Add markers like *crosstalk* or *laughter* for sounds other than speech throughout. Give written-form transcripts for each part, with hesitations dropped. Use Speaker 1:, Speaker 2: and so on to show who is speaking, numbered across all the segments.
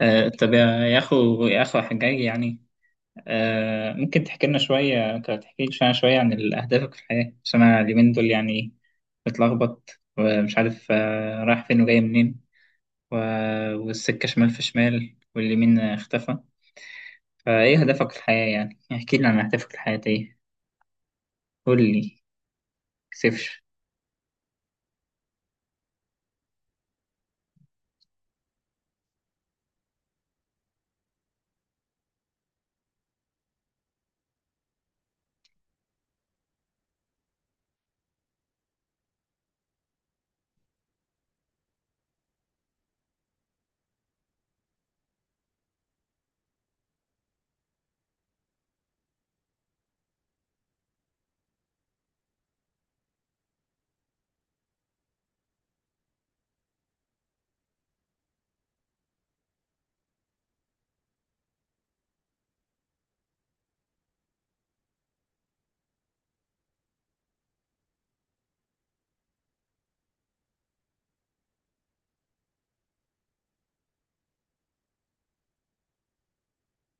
Speaker 1: طب يا أخو حجاج يعني ممكن تحكي لي شوية شوية عن أهدافك في الحياة، عشان أنا اليومين دول يعني متلخبط ومش عارف رايح فين وجاي منين و- والسكة شمال في شمال واليمين اختفى. فإيه هدفك في الحياة؟ يعني احكي لي عن أهدافك الحياتية. قول لي، مكسفش.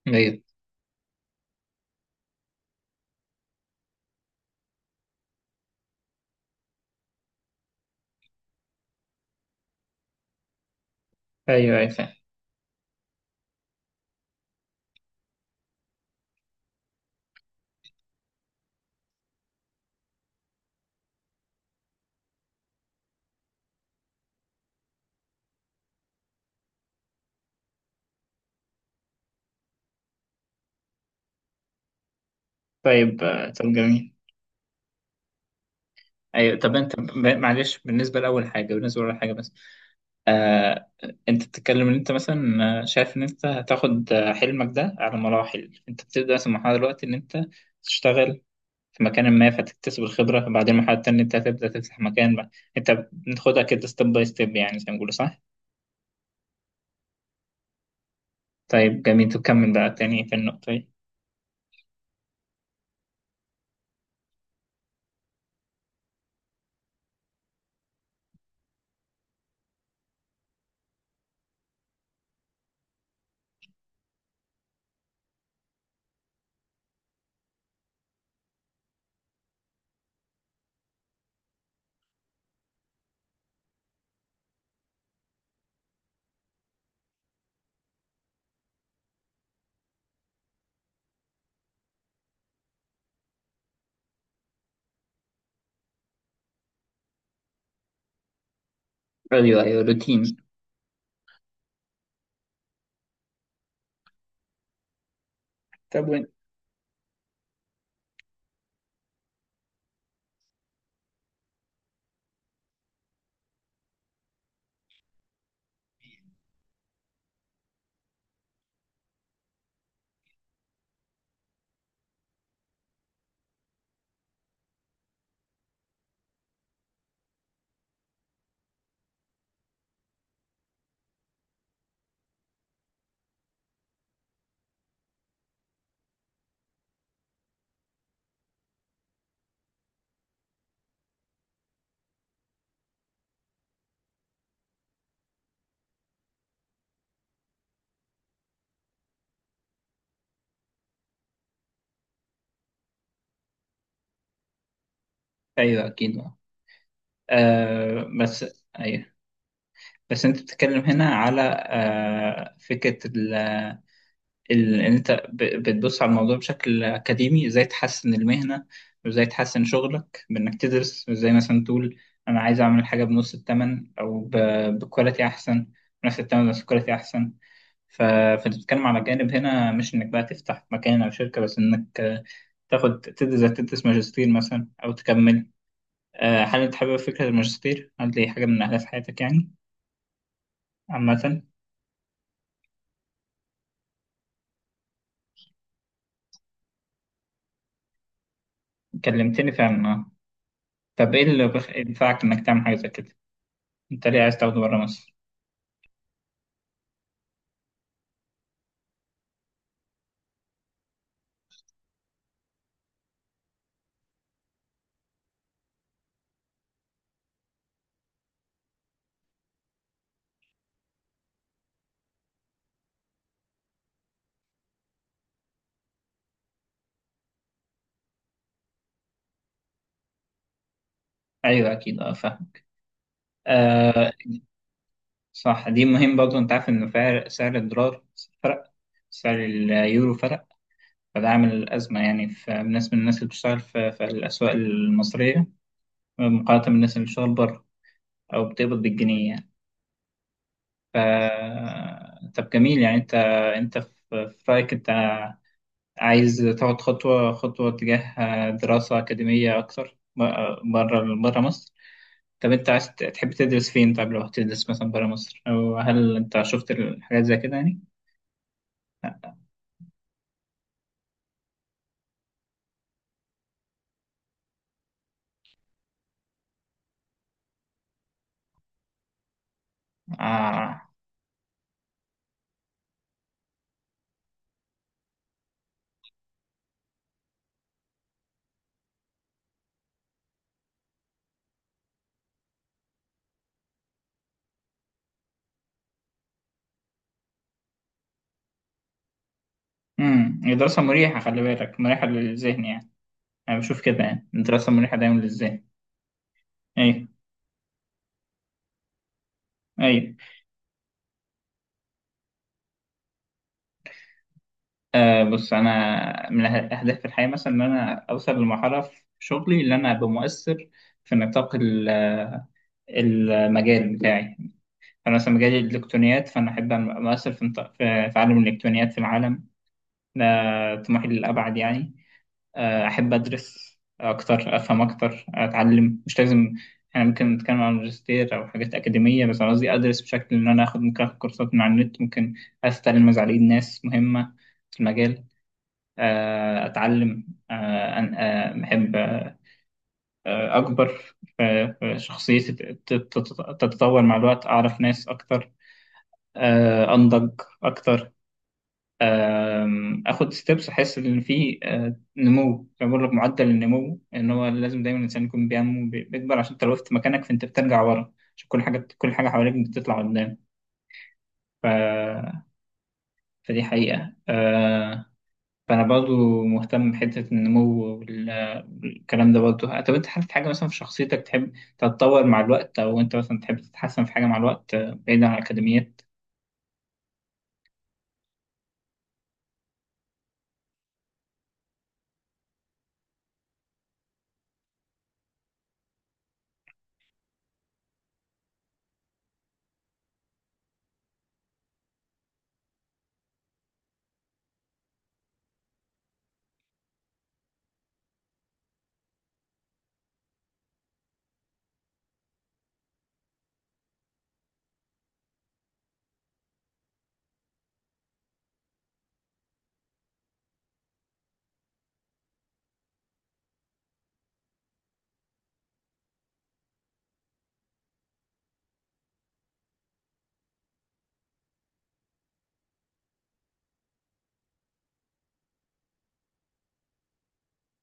Speaker 1: أيوه، أيوه، أيوه، فاهم. طيب، طب جميل. أيوه. طب أنت معلش، بالنسبة لأول حاجة بس. آه، انت بتتكلم ان انت مثلا شايف ان انت هتاخد حلمك ده على مراحل. انت بتبدا مثلا مرحله دلوقتي ان انت تشتغل في مكان ما فتكتسب الخبره، بعدين مرحله تانية انت هتبدا تفتح مكان بقى. انت بتاخدها كده ستيب باي ستيب، يعني زي ما بيقولوا، صح؟ طيب جميل. تكمل بقى تاني في النقطه دي. ايوه، ايوه، روتين. طب وين؟ ايوه اكيد. بس، ايوه. بس انت بتتكلم هنا على فكره ان انت بتبص على الموضوع بشكل اكاديمي، ازاي تحسن المهنه وازاي تحسن شغلك بانك تدرس. ازاي مثلا تقول انا عايز اعمل حاجه بنص الثمن، او بكواليتي احسن بنفس الثمن بس كواليتي احسن. فانت بتتكلم على جانب هنا، مش انك بقى تفتح مكان او شركه، بس انك تاخد تدرس ماجستير مثلا او تكمل. هل انت حابب فكره الماجستير؟ هل دي حاجه من اهداف حياتك يعني عامه؟ كلمتني فعلا، آه. طب ايه اللي ينفعك انك تعمل حاجه زي كده؟ انت ليه عايز تاخده بره مصر؟ ايوه اكيد، اه فاهم. آه صح، دي مهم برضه. انت عارف ان سعر الدولار فرق، سعر اليورو فرق. فده عامل ازمه يعني، في بالنسبه للناس اللي بتشتغل في الاسواق المصريه مقارنه بالناس اللي بتشتغل بره او بتقبض بالجنيه يعني. ف طب جميل. يعني انت في رايك انت عايز تاخد خطوه خطوه تجاه دراسه اكاديميه اكتر بره مصر. طب انت عايز تحب تدرس فين؟ طب لو هتدرس مثلا برا مصر، او هل انت شفت الحاجات زي كده يعني؟ لا، آه. الدراسة مريحة، خلي بالك، مريحة للذهن يعني. انا بشوف كده يعني، الدراسة مريحة دايما للذهن. ايوه، ايوه. بص، انا من اهداف في الحياة مثلا ان انا اوصل لمرحلة في شغلي اللي انا ابقى مؤثر في نطاق المجال بتاعي. انا مثلا مجالي الالكترونيات، فانا احب ابقى مؤثر في في عالم الالكترونيات، في العالم ده. طموحي للابعد يعني. أحب أدرس أكتر، أفهم أكتر، أتعلم. مش لازم إحنا ممكن نتكلم عن ماجستير أو حاجات أكاديمية، بس أنا قصدي أدرس بشكل إن أنا آخد، ممكن آخد كورسات من على النت، ممكن أستلم مزعلين ناس مهمة في المجال. أتعلم، أحب، أكبر في شخصيتي، تتطور مع الوقت، أعرف ناس أكتر، أنضج أكتر. اخد ستيبس، احس ان في نمو، زي ما بقول لك معدل النمو. ان هو لازم دايما الانسان يكون بينمو بيكبر، عشان انت لو وقفت مكانك فانت بترجع ورا، عشان كل حاجه حواليك بتطلع قدام. ف... فدي حقيقه. فانا برضو مهتم بحته النمو والكلام ده برضو. طب انت حابب حاجه مثلا في شخصيتك تحب تتطور مع الوقت، او انت مثلا تحب تتحسن في حاجه مع الوقت بعيدا عن الاكاديميات؟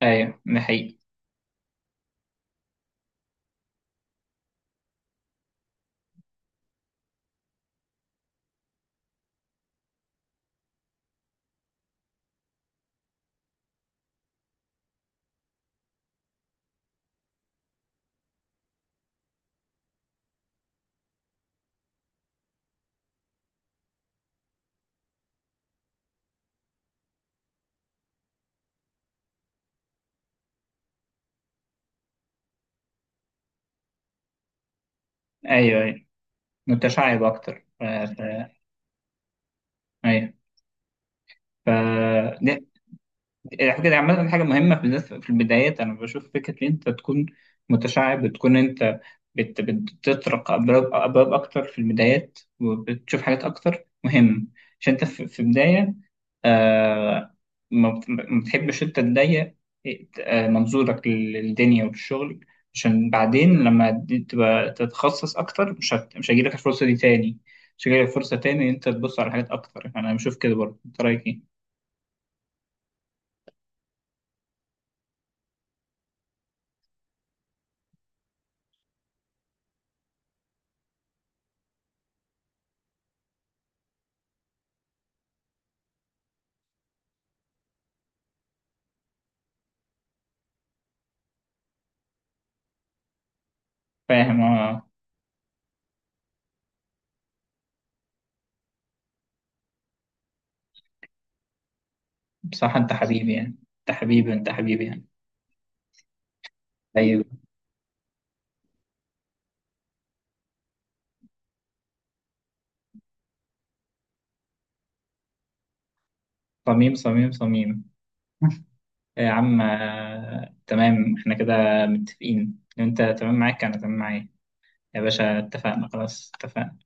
Speaker 1: ايوه ده حقيقي. ايوه، ايوه، متشعب اكتر. ايوه. ف دي الحاجة دي عامة، حاجة مهمة بالذات في البدايات. أنا بشوف فكرة إن أنت تكون متشعب، بتكون أنت بتطرق أبواب أبواب أكتر في البدايات وبتشوف حاجات أكتر مهم، عشان أنت في بداية. آه ما بتحبش أنت تضيق منظورك للدنيا وللشغل، عشان بعدين لما دي تبقى تتخصص أكتر مش هيجيلك الفرصة دي تاني، مش هيجيلك فرصة تاني إن أنت تبص على حاجات أكتر. يعني أنا بشوف كده برضه، أنت رأيك إيه؟ فاهم، اه. بصراحة انت حبيبي يعني، انت حبيبي، انت حبيبي يعني. ايوه، صميم، صميم، صميم. *laughs* يا عم، تمام. احنا كده متفقين، انت تمام معاك، انا تمام معايا. يا باشا، اتفقنا. خلاص، اتفقنا.